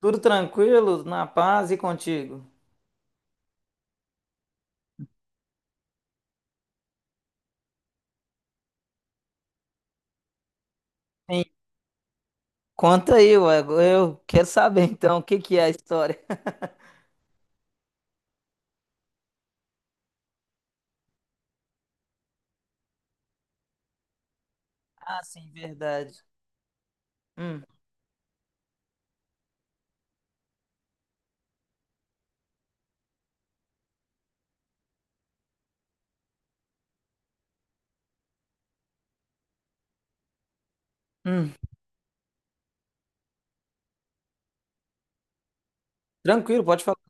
Tudo tranquilo, na paz e contigo. Sim. Conta aí, ué. Eu quero saber então o que que é a história. Ah, sim, verdade. Hum, hum. Tranquilo, pode falar.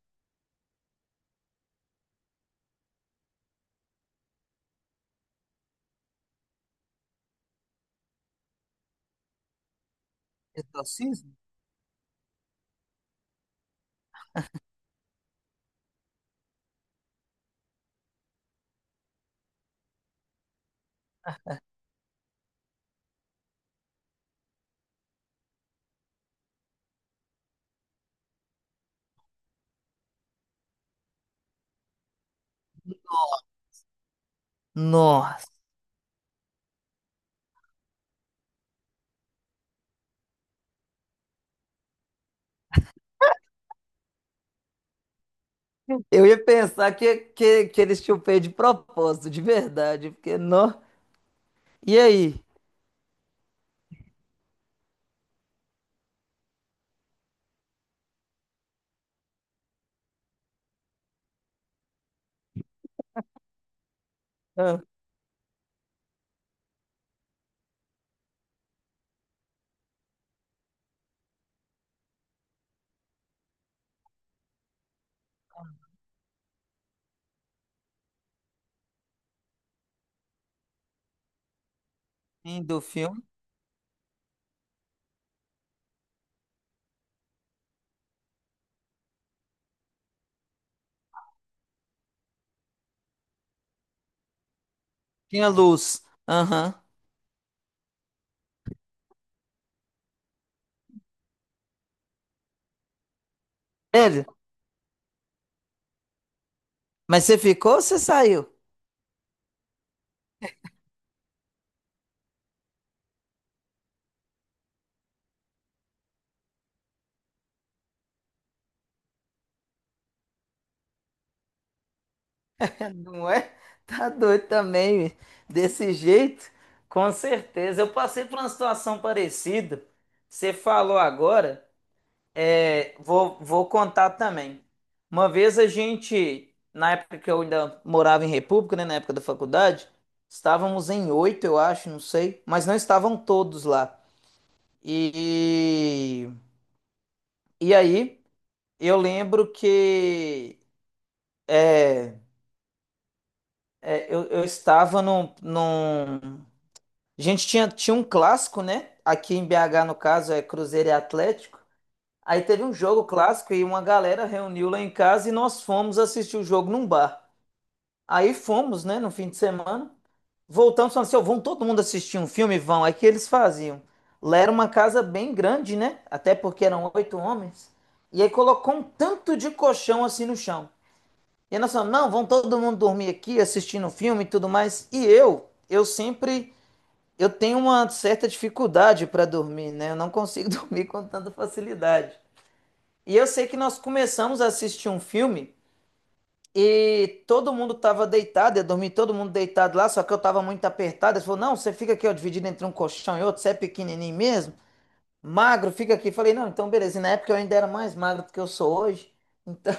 Exorcismo? Nossa, eu ia pensar que eles tinham feito de propósito, de verdade, porque não. E aí? Ah, fim do filme? Tinha luz. Aham. Sério? Mas você ficou ou você saiu? Não é? Tá doido também, bicho. Desse jeito? Com certeza. Eu passei por uma situação parecida. Você falou agora, é, vou contar também. Uma vez a gente, na época que eu ainda morava em República, né, na época da faculdade, estávamos em oito, eu acho, não sei, mas não estavam todos lá. E, e aí, eu lembro que é, eu estava. A gente tinha um clássico, né? Aqui em BH, no caso, é Cruzeiro e Atlético. Aí teve um jogo clássico e uma galera reuniu lá em casa e nós fomos assistir o jogo num bar. Aí fomos, né, no fim de semana. Voltamos falando assim, ó, vão todo mundo assistir um filme? Vão. Aí o que eles faziam. Lá era uma casa bem grande, né? Até porque eram oito homens. E aí colocou um tanto de colchão assim no chão. E aí nós falamos, não, vão todo mundo dormir aqui assistindo o filme e tudo mais. E eu sempre eu tenho uma certa dificuldade para dormir, né? Eu não consigo dormir com tanta facilidade. E eu sei que nós começamos a assistir um filme e todo mundo estava deitado, eu dormi todo mundo deitado lá, só que eu estava muito apertado. Ele falou: Não, você fica aqui, ó, dividido entre um colchão e outro, você é pequenininho mesmo, magro, fica aqui. Eu falei: Não, então beleza. E na época eu ainda era mais magro do que eu sou hoje. Então.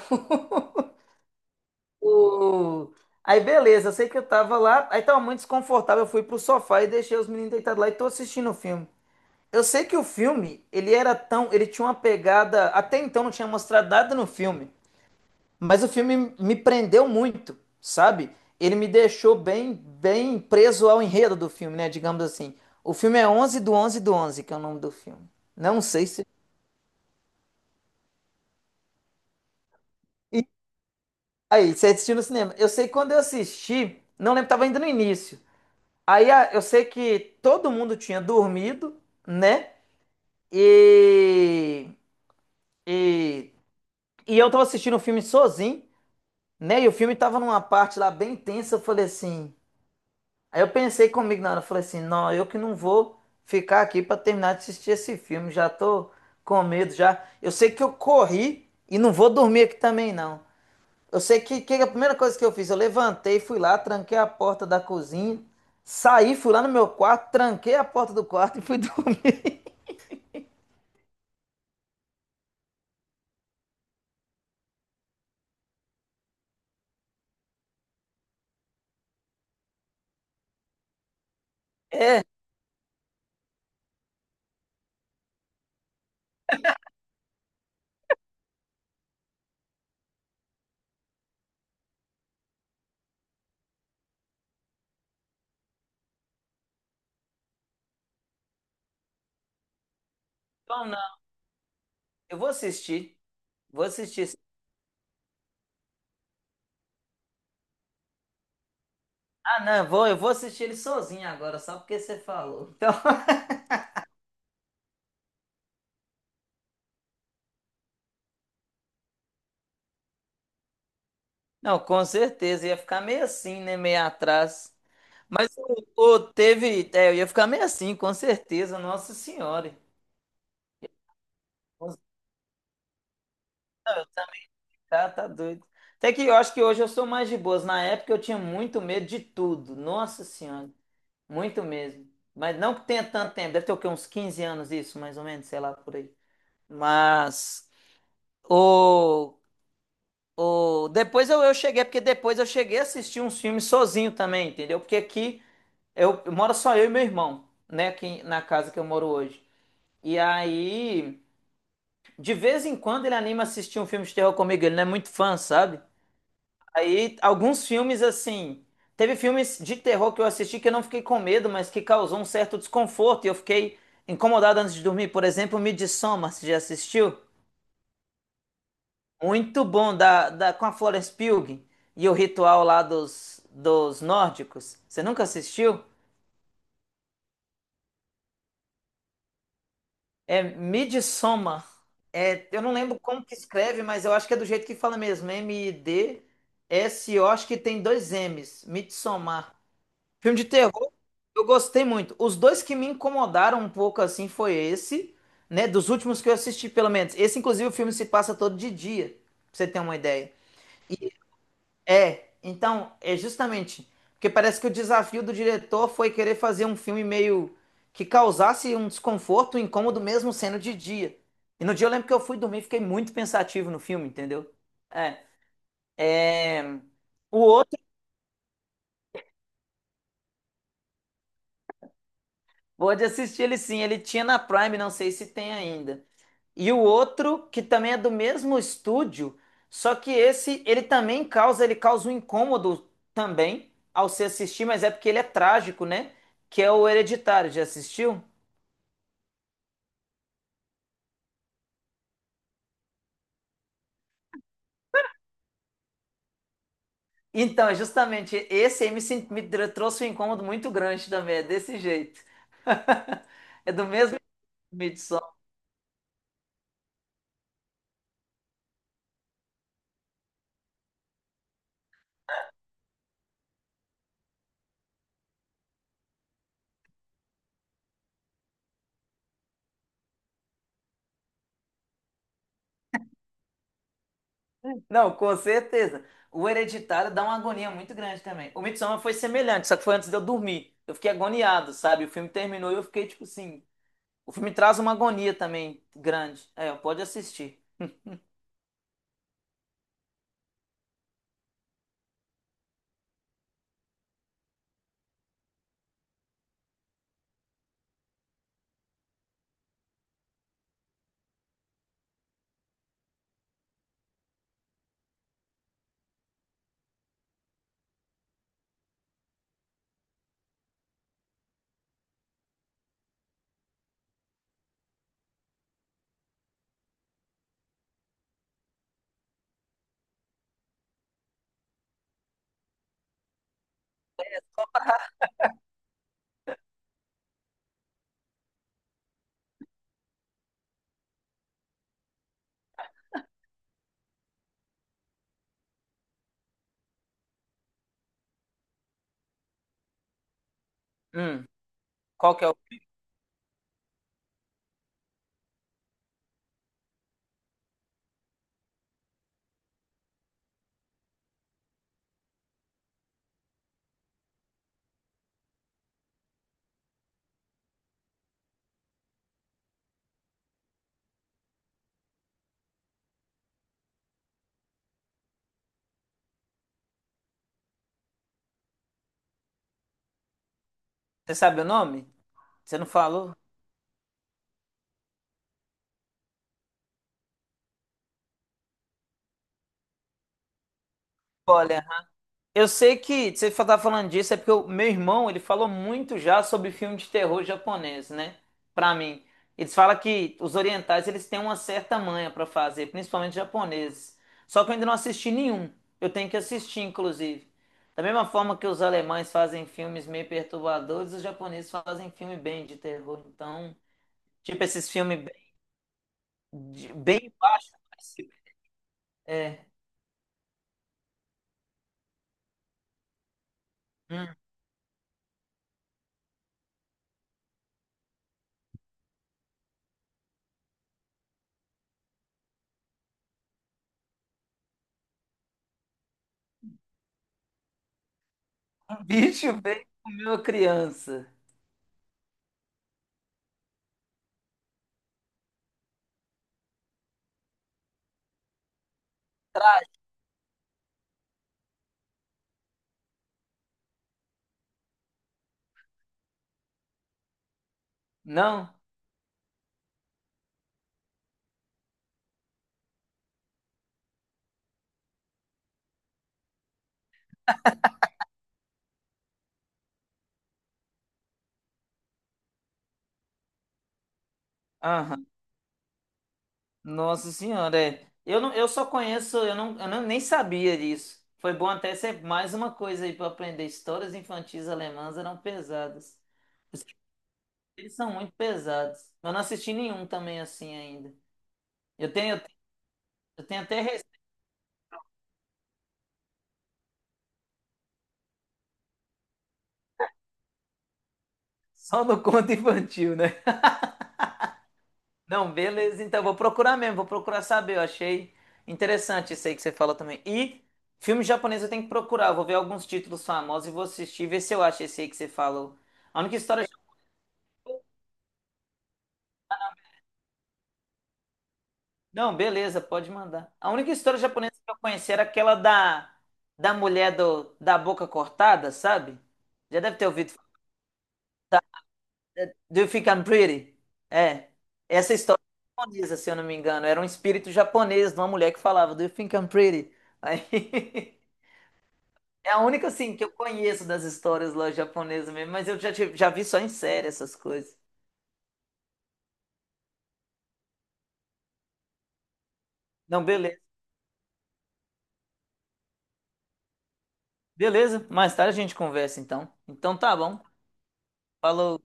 o- Aí beleza, eu sei que eu tava lá, aí tava muito desconfortável, eu fui pro sofá e deixei os meninos deitados lá e tô assistindo o filme. Eu sei que o filme, ele era tão, ele tinha uma pegada, até então não tinha mostrado nada no filme, mas o filme me prendeu muito, sabe? Ele me deixou bem, bem preso ao enredo do filme, né? Digamos assim. O filme é Onze do Onze do Onze, que é o nome do filme. Não sei se... E aí, você assistiu no cinema. Eu sei que quando eu assisti, não lembro, tava ainda no início. Aí eu sei que todo mundo tinha dormido, né? E, e, e eu tava assistindo o filme sozinho. Né? E o filme tava numa parte lá bem tensa, eu falei assim. Aí eu pensei comigo na hora, eu falei assim, não, eu que não vou ficar aqui pra terminar de assistir esse filme, já tô com medo já. Eu sei que eu corri e não vou dormir aqui também não. Eu sei que a primeira coisa que eu fiz, eu levantei, fui lá, tranquei a porta da cozinha, saí, fui lá no meu quarto, tranquei a porta do quarto e fui dormir. Então não, eu vou assistir. Vou assistir. Ah, não, eu vou assistir ele sozinho agora, só porque você falou. Então, Não, com certeza, ia ficar meio assim, né? Meio atrás. Mas teve. É, eu ia ficar meio assim, com certeza, Nossa Senhora. Não, eu tá, tá tá doido. Até que eu acho que hoje eu sou mais de boas. Na época eu tinha muito medo de tudo. Nossa Senhora. Muito mesmo. Mas não que tenha tanto tempo. Deve ter o quê? Uns 15 anos isso, mais ou menos, sei lá, por aí. Mas o, o depois eu cheguei, porque depois eu cheguei a assistir uns filmes sozinho também, entendeu? Porque aqui eu moro só eu e meu irmão, né, aqui na casa que eu moro hoje. E aí, de vez em quando ele anima a assistir um filme de terror comigo, ele não é muito fã, sabe? Aí, alguns filmes assim, teve filmes de terror que eu assisti que eu não fiquei com medo, mas que causou um certo desconforto e eu fiquei incomodado antes de dormir. Por exemplo, Midsommar, você já assistiu? Muito bom, da, com a Florence Pugh e o ritual lá dos nórdicos. Você nunca assistiu? É Midsommar. É, eu não lembro como que escreve, mas eu acho que é do jeito que fala mesmo. M-I-D-S-O, acho que tem dois M's. Midsommar. Filme de terror, eu gostei muito. Os dois que me incomodaram um pouco assim foi esse, né? Dos últimos que eu assisti, pelo menos. Esse, inclusive, o filme se passa todo de dia, pra você ter uma ideia. É, então, é justamente. Porque parece que o desafio do diretor foi querer fazer um filme meio que causasse um desconforto, um incômodo mesmo sendo de dia. E no dia eu lembro que eu fui dormir, e fiquei muito pensativo no filme, entendeu? É. é, O outro, pode assistir ele sim, ele tinha na Prime, não sei se tem ainda. E o outro, que também é do mesmo estúdio, só que esse, ele também causa, ele causa um incômodo também ao se assistir, mas é porque ele é trágico, né? Que é o Hereditário, já assistiu? Então, é justamente, esse aí me trouxe um incômodo muito grande também, é desse jeito. É do mesmo Midsommar. Não, com certeza. O Hereditário dá uma agonia muito grande também. O Midsommar foi semelhante, só que foi antes de eu dormir. Eu fiquei agoniado, sabe? O filme terminou e eu fiquei tipo assim... O filme traz uma agonia também grande. É, pode assistir. Hum, qual que é o. Você sabe o nome? Você não falou? Olha, eu sei que você tá falando disso é porque o meu irmão, ele falou muito já sobre filme de terror japonês, né? Pra mim. Eles falam que os orientais, eles têm uma certa manha pra fazer, principalmente japoneses. Só que eu ainda não assisti nenhum. Eu tenho que assistir, inclusive. Da mesma forma que os alemães fazem filmes meio perturbadores, os japoneses fazem filme bem de terror. Então, tipo esses filmes bem baixo. É. Hum. Um bicho veio comer uma criança. Não? Aham. Nossa Senhora, é. Eu, não, eu só conheço, eu não, nem sabia disso. Foi bom até ser mais uma coisa aí para aprender. Histórias infantis alemãs eram pesadas. Os- Eles são muito pesados. Eu não assisti nenhum também assim ainda. Eu tenho, eu tenho até receio só no conto infantil, né? Não, beleza. Então, vou procurar mesmo, vou procurar saber. Eu achei interessante isso aí que você falou também. E filme japonês eu tenho que procurar. Eu vou ver alguns títulos famosos e vou assistir, ver se eu acho esse aí que você falou. A única história. Não, beleza, pode mandar. A única história japonesa que eu conheci era aquela da mulher do, da boca cortada, sabe? Já deve ter ouvido. Do You Think I'm Pretty? É. Essa história é japonesa, se eu não me engano. Era um espírito japonês de uma mulher que falava Do You Think I'm Pretty? Aí. É a única, assim, que eu conheço das histórias lá japonesas mesmo, mas eu já, já vi só em série essas coisas. Não, beleza. Beleza, mais tarde a gente conversa então. Então tá bom. Falou.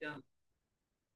Tchau.